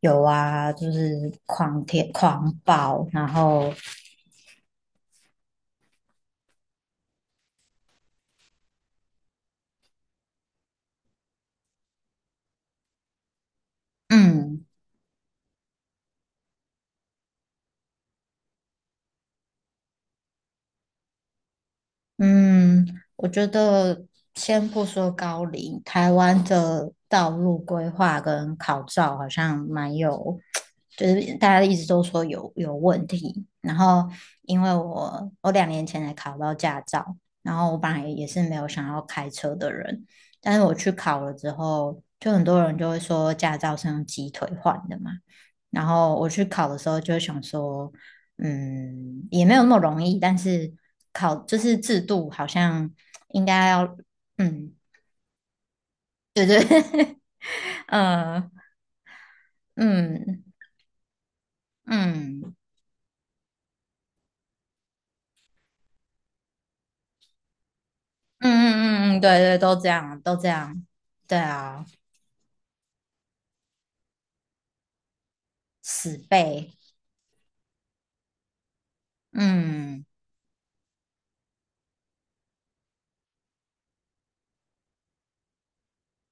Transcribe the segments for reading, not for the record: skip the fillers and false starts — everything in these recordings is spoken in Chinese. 有啊，就是狂舔狂暴，然后嗯，嗯，我觉得先不说高龄，台湾的道路规划跟考照好像蛮有，就是大家一直都说有问题。然后因为我2年前才考到驾照，然后我本来也是没有想要开车的人，但是我去考了之后，就很多人就会说驾照是用鸡腿换的嘛。然后我去考的时候就想说，也没有那么容易，但是考就是制度好像应该要，嗯，呃，嗯嗯嗯嗯，对对，都这样，都这样，对啊，死背，嗯。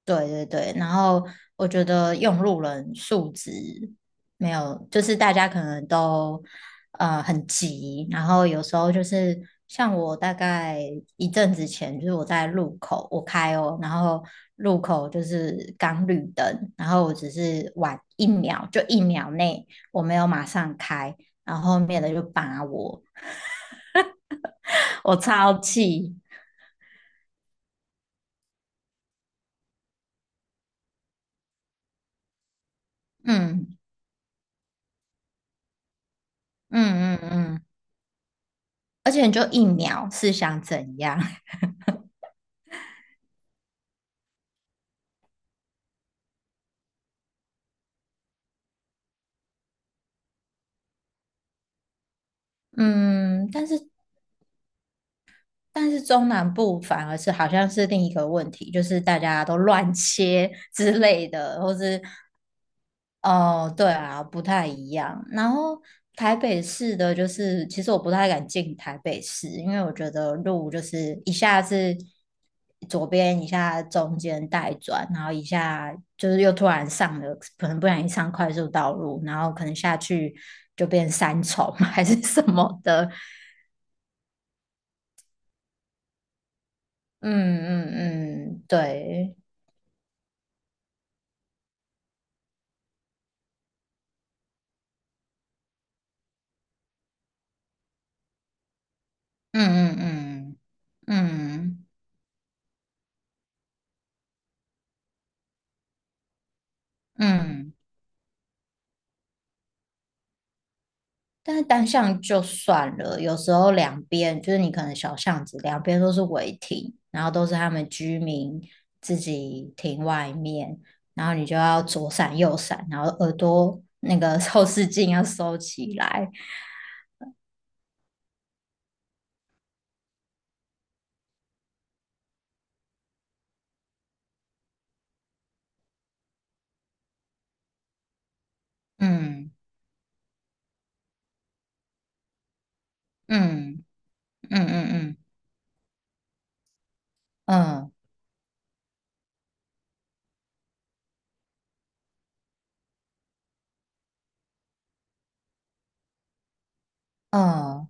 对对对，然后我觉得用路人素质没有，就是大家可能都很急，然后有时候就是像我大概一阵子前，就是我在路口我开哦，然后路口就是刚绿灯，然后我只是晚一秒，就一秒内我没有马上开，然后后面的就扒我，我超气，嗯嗯嗯嗯，而且你就一秒是想怎样？嗯，但是但是中南部反而是好像是另一个问题，就是大家都乱切 之类的，或是哦，对啊，不太一样。然后台北市的，就是其实我不太敢进台北市，因为我觉得路就是一下是左边，一下中间带转，然后一下就是又突然上了，可能不小心上快速道路，然后可能下去就变三重 还是什么的，嗯嗯嗯，对，嗯嗯嗯嗯嗯，但是单向就算了，有时候两边就是你可能小巷子两边都是违停，然后都是他们居民自己停外面，然后你就要左闪右闪，然后耳朵那个 后视镜要收起来，嗯嗯嗯嗯嗯嗯嗯，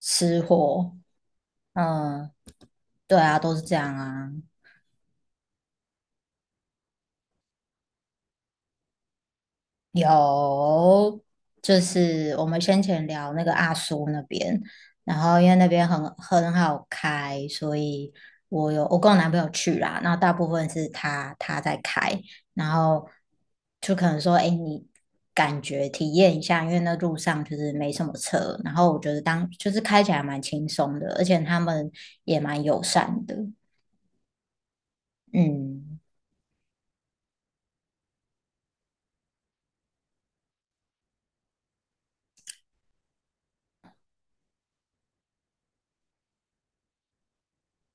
吃货，嗯，对啊，都是这样啊，有，就是我们先前聊那个阿苏那边，然后因为那边很好开，所以我跟我男朋友去啦，然后大部分是他在开，然后就可能说，哎，你感觉体验一下，因为那路上就是没什么车，然后我觉得当就是开起来蛮轻松的，而且他们也蛮友善的，嗯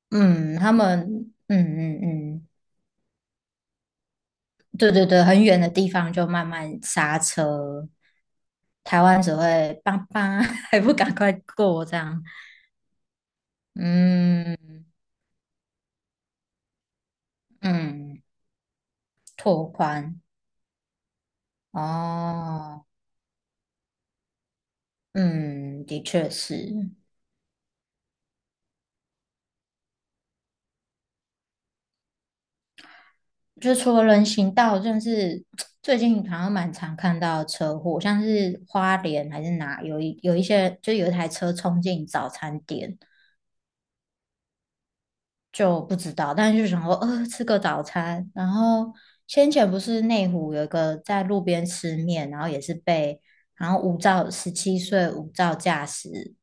嗯，他们。嗯对对对，很远的地方就慢慢刹车，台湾只会叭叭，还不赶快过这样。嗯嗯，拓宽哦，嗯，的确是，就除了人行道，真的是 最近好像蛮常看到车祸，像是花莲还是哪有一些，就有一台车冲进早餐店，就不知道，但是就想说，吃个早餐。然后先前不是内湖有一个在路边吃面，然后也是被，然后无照17岁无照驾驶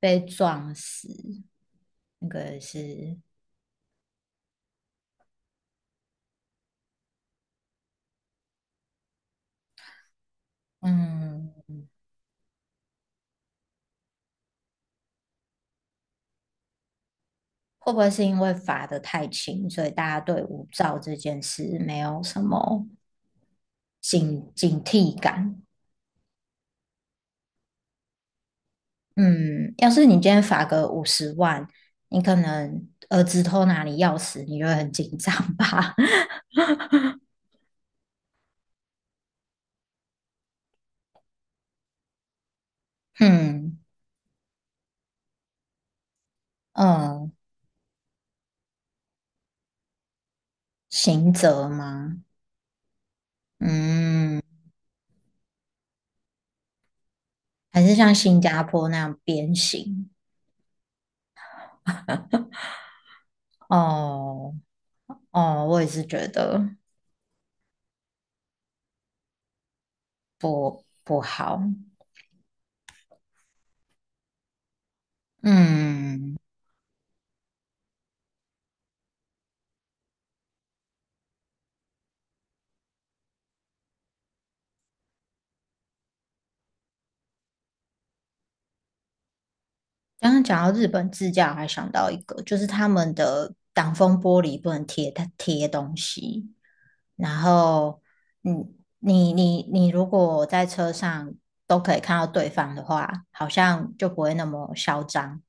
被撞死，那个是，嗯，会不会是因为罚得太轻，所以大家对无照这件事没有什么警惕感？嗯，要是你今天罚个50万，你可能儿子偷拿你钥匙，你就会很紧张吧？嗯嗯，刑责吗？嗯，还是像新加坡那样鞭刑？哦哦，我也是觉得不好。嗯，刚刚讲到日本自驾，我还想到一个，就是他们的挡风玻璃不能贴东西。然后，嗯，你如果在车上都可以看到对方的话，好像就不会那么嚣张。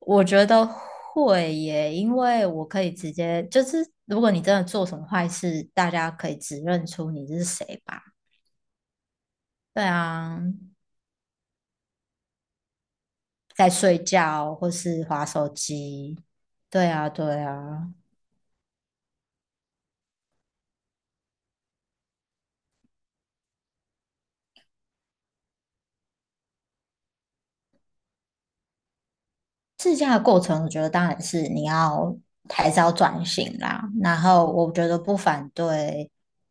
我觉得会耶，因为我可以直接，就是如果你真的做什么坏事，大家可以指认出你是谁吧。对啊，在睡觉或是划手机。对啊，对啊。自驾的过程，我觉得当然是你要还是要转型啦。然后我觉得不反对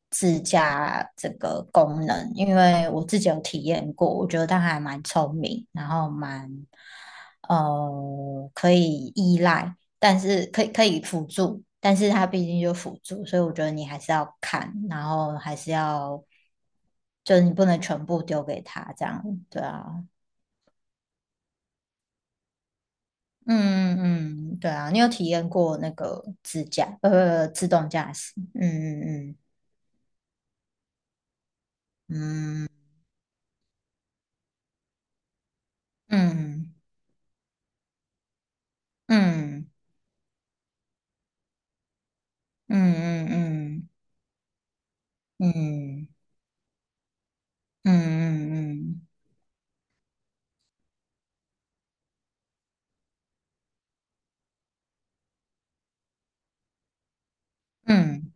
自驾这个功能，因为我自己有体验过，我觉得它还蛮聪明，然后蛮可以依赖，但是可以辅助，但是它毕竟就辅助，所以我觉得你还是要看，然后还是要就是你不能全部丢给他这样，对啊，嗯嗯嗯，对啊，你有体验过那个自驾，自动驾驶？嗯嗯嗯嗯嗯嗯嗯嗯嗯嗯嗯嗯，嗯，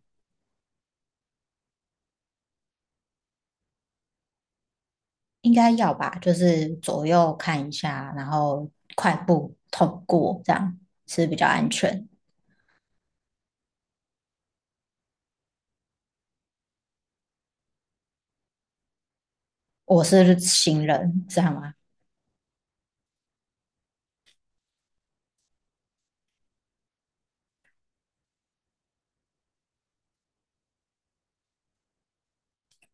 应该要吧，就是左右看一下，然后快步通过，这样是比较安全。我是行人，这样吗？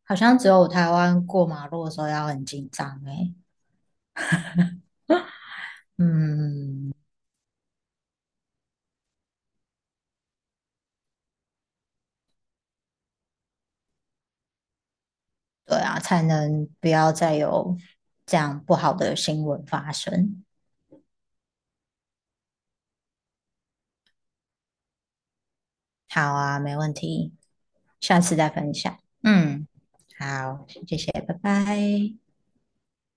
好像只有台湾过马路的时候要很紧张诶。嗯。对啊，才能不要再有这样不好的新闻发生。好啊，没问题，下次再分享。嗯，好，谢谢，拜拜。